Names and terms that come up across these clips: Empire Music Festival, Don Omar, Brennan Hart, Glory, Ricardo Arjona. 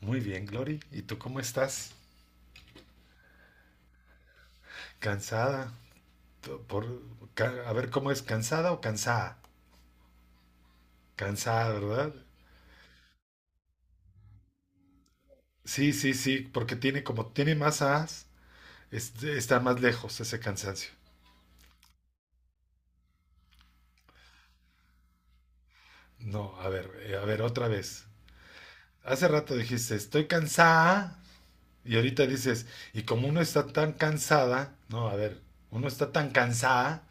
Muy bien, Glory. ¿Y tú cómo estás? ¿Cansada? To- Por, a ver, ¿cómo es? ¿Cansada o cansada? Cansada, ¿verdad? Sí, sí, sí, porque tiene como tiene más as, es, está más lejos ese cansancio. No, a ver, otra vez. Hace rato dijiste, estoy cansada, y ahorita dices, y como uno está tan cansada, no, a ver, uno está tan cansada.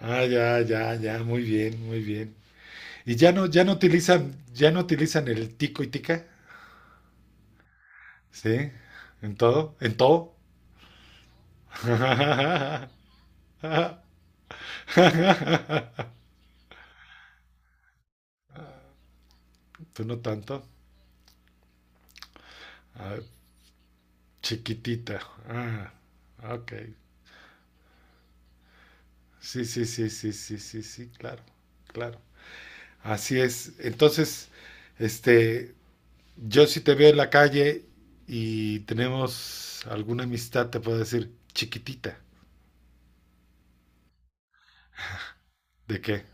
Ah, ya, ya, ya, muy bien, muy bien. Y ya no, ya no utilizan el tico y tica. Sí, en todo, en todo. Tú no tanto. A ver, chiquitita. Ah, ok. Sí, sí, sí, sí, sí, sí, sí, claro, claro. Así es. Entonces, este, yo si te veo en la calle y tenemos alguna amistad, te puedo decir chiquitita. ¿De qué?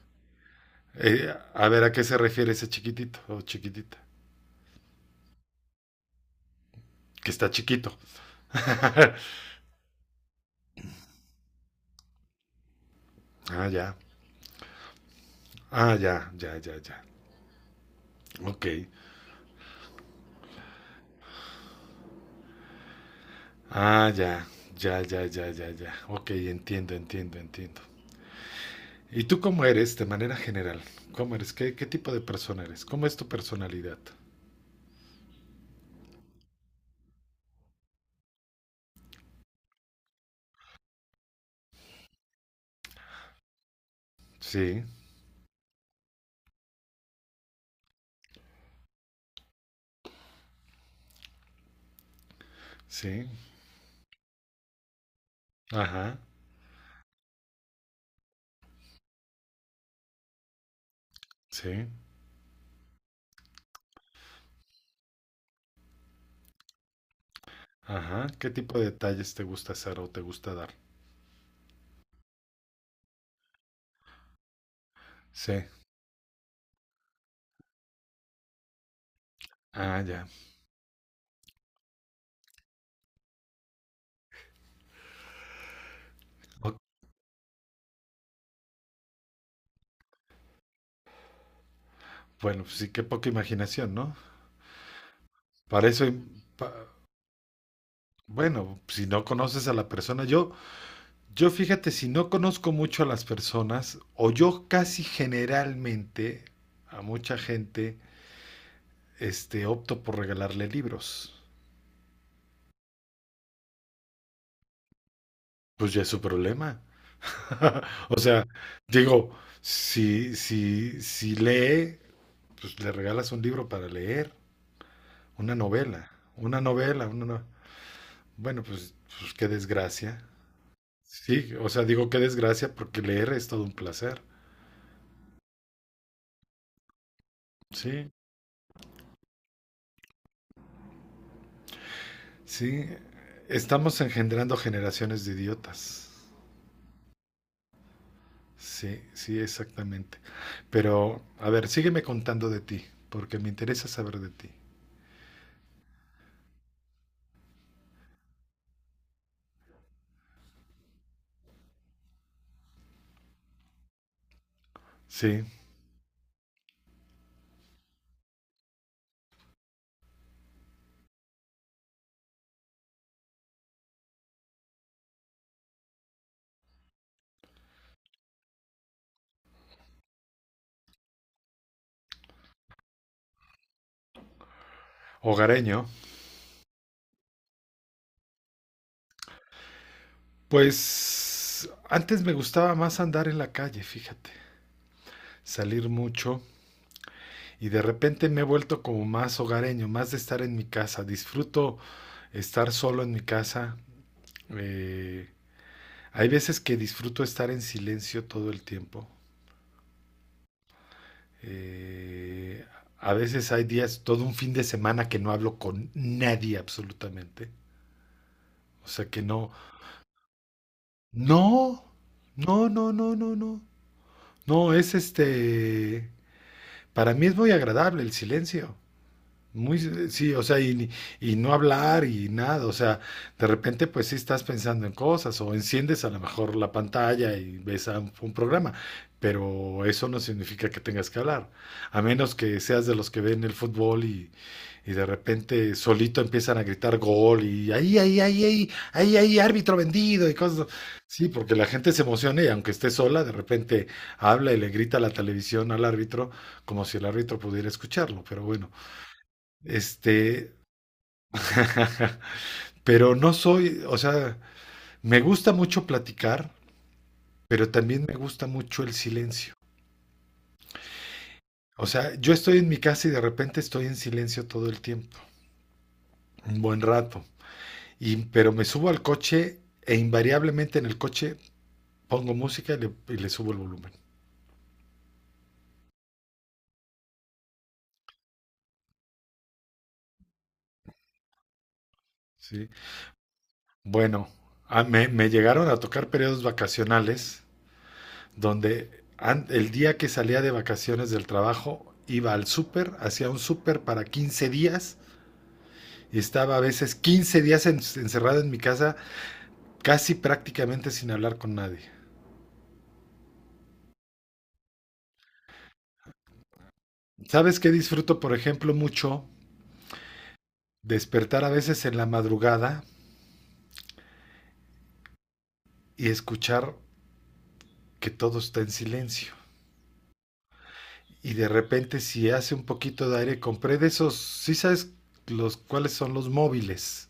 A ver, ¿a qué se refiere ese chiquitito o chiquitita? Que está chiquito. Ah, ya. Ah, ya, ya, ya, ya. Ok, ah, ya, ya, ya, ya, ya, ya. Ok, entiendo, entiendo, entiendo. ¿Y tú cómo eres de manera general? ¿Cómo eres? ¿Qué tipo de persona eres? ¿Cómo es tu personalidad? Sí, sí, ajá, sí, ajá. ¿Qué tipo de detalles te gusta hacer o te gusta dar? Sí, ah, ya. O- bueno, pues sí, qué poca imaginación, ¿no? Para eso, im- pa- Bueno, si no conoces a la persona, yo fíjate, si no conozco mucho a las personas, o yo casi generalmente a mucha gente, opto por regalarle libros. Pues ya es su problema. O sea, digo, si lee, pues le regalas un libro para leer, una novela, una novela, una no- bueno, pues qué desgracia. Sí, o sea, digo qué desgracia porque leer es todo un placer. Sí. Sí, estamos engendrando generaciones de idiotas. Sí, sí, exactamente. Pero, a ver, sígueme contando de ti, porque me interesa saber de ti. Sí, hogareño. Pues antes me gustaba más andar en la calle, fíjate, salir mucho y de repente me he vuelto como más hogareño, más de estar en mi casa. Disfruto estar solo en mi casa. Eh, Hay veces que disfruto estar en silencio todo el tiempo. Eh, a veces hay días, todo un fin de semana que no hablo con nadie absolutamente. O sea que no, no, no, no, no, no, no. No, para mí es muy agradable el silencio. Muy, sí, y no hablar y nada, o sea, de repente pues sí estás pensando en cosas o enciendes a lo mejor la pantalla y ves a un programa, pero eso no significa que tengas que hablar, a menos que seas de los que ven el fútbol y de repente solito empiezan a gritar gol y ahí, ahí, ahí, ahí, ahí, ahí, árbitro vendido y cosas. Sí, porque la gente se emociona y aunque esté sola, de repente habla y le grita a la televisión al árbitro como si el árbitro pudiera escucharlo, pero bueno. Este, pero no soy, o sea, me gusta mucho platicar, pero también me gusta mucho el silencio. O sea, yo estoy en mi casa y de repente estoy en silencio todo el tiempo, un buen rato. Pero me subo al coche e invariablemente en el coche pongo música y le subo el volumen. ¿Sí? Bueno, me llegaron a tocar periodos vacacionales donde el día que salía de vacaciones del trabajo iba al súper, hacía un súper para 15 días y estaba a veces 15 días encerrado en mi casa, casi prácticamente sin hablar con nadie. ¿Sabes qué disfruto, por ejemplo, mucho? Despertar a veces en la madrugada y escuchar que todo está en silencio. Y de repente, si hace un poquito de aire, compré de esos, ¿sí sabes cuáles son los móviles?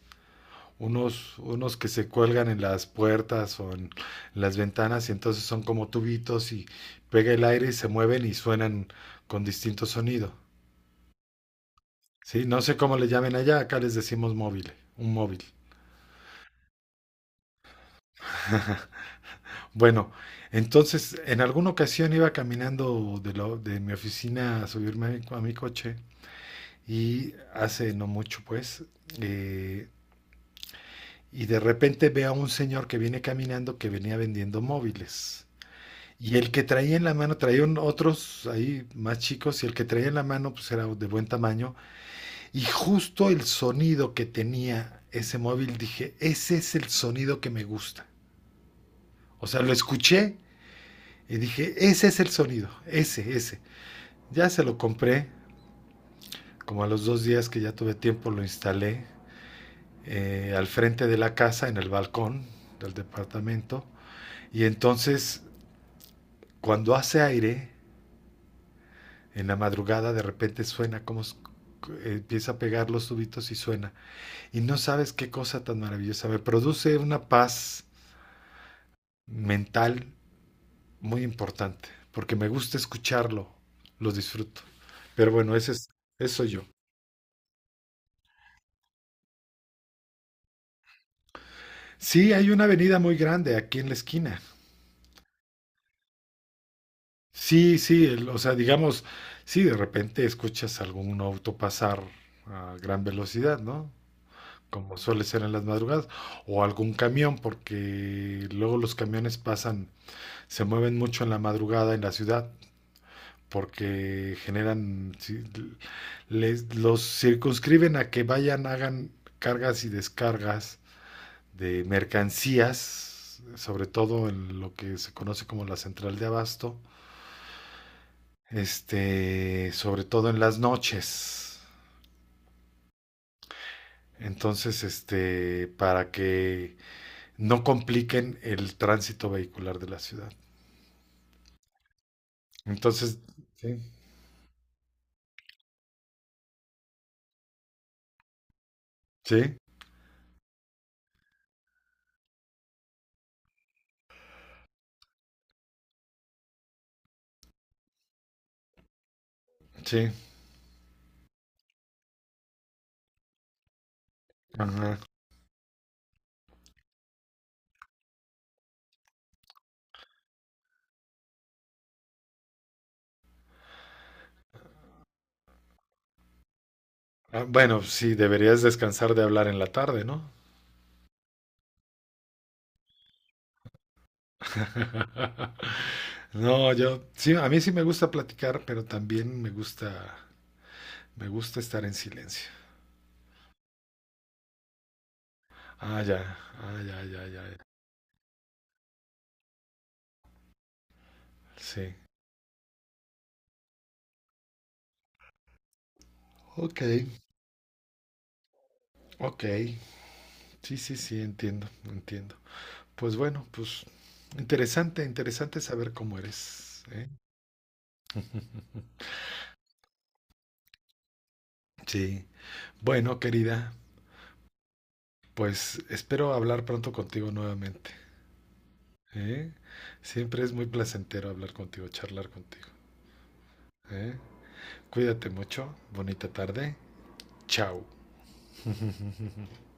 Unos que se cuelgan en las puertas o en las ventanas y entonces son como tubitos y pega el aire y se mueven y suenan con distinto sonido. Sí, no sé cómo le llamen allá, acá les decimos móvil, un móvil. Bueno, entonces en alguna ocasión iba caminando de mi oficina a subirme a a mi coche y hace no mucho pues, eh, y de repente veo a un señor que viene caminando que venía vendiendo móviles. Y el que traía en la mano, traía otros ahí más chicos y el que traía en la mano pues era de buen tamaño. Y justo el sonido que tenía ese móvil dije, ese es el sonido que me gusta. O sea, lo escuché y dije, ese es el sonido, ese, ese. Ya se lo compré, como a los 2 días que ya tuve tiempo lo instalé al frente de la casa, en el balcón del departamento. Y entonces, cuando hace aire, en la madrugada de repente suena como empieza a pegar los tubitos y suena. Y no sabes qué cosa tan maravillosa. Me produce una paz mental muy importante, porque me gusta escucharlo, lo disfruto. Pero bueno, eso soy yo. Sí, hay una avenida muy grande aquí en la esquina. Sí, sí, o sea, digamos, sí, de repente escuchas algún auto pasar a gran velocidad, ¿no? Como suele ser en las madrugadas, o algún camión, porque luego los camiones pasan, se mueven mucho en la madrugada en la ciudad. Porque generan, sí, los circunscriben a que vayan, hagan cargas y descargas de mercancías, sobre todo en lo que se conoce como la central de abasto, sobre todo en las noches. Entonces, para que no compliquen el tránsito vehicular de la ciudad. Entonces, sí, sí, sí. Ajá. Ah, bueno, sí, deberías descansar de hablar en la tarde, ¿no? No, yo sí, a mí sí me gusta platicar, pero también me gusta estar en silencio. Ah, ya, ah, ya, ya, ya. Ya. Sí. Ok, ok. Sí, sí, sí, entiendo, entiendo. Pues bueno, pues interesante, interesante saber cómo eres, ¿eh? Sí. Bueno, querida, pues espero hablar pronto contigo nuevamente, ¿eh? Siempre es muy placentero hablar contigo, charlar contigo, ¿eh? Cuídate mucho, bonita tarde, chao.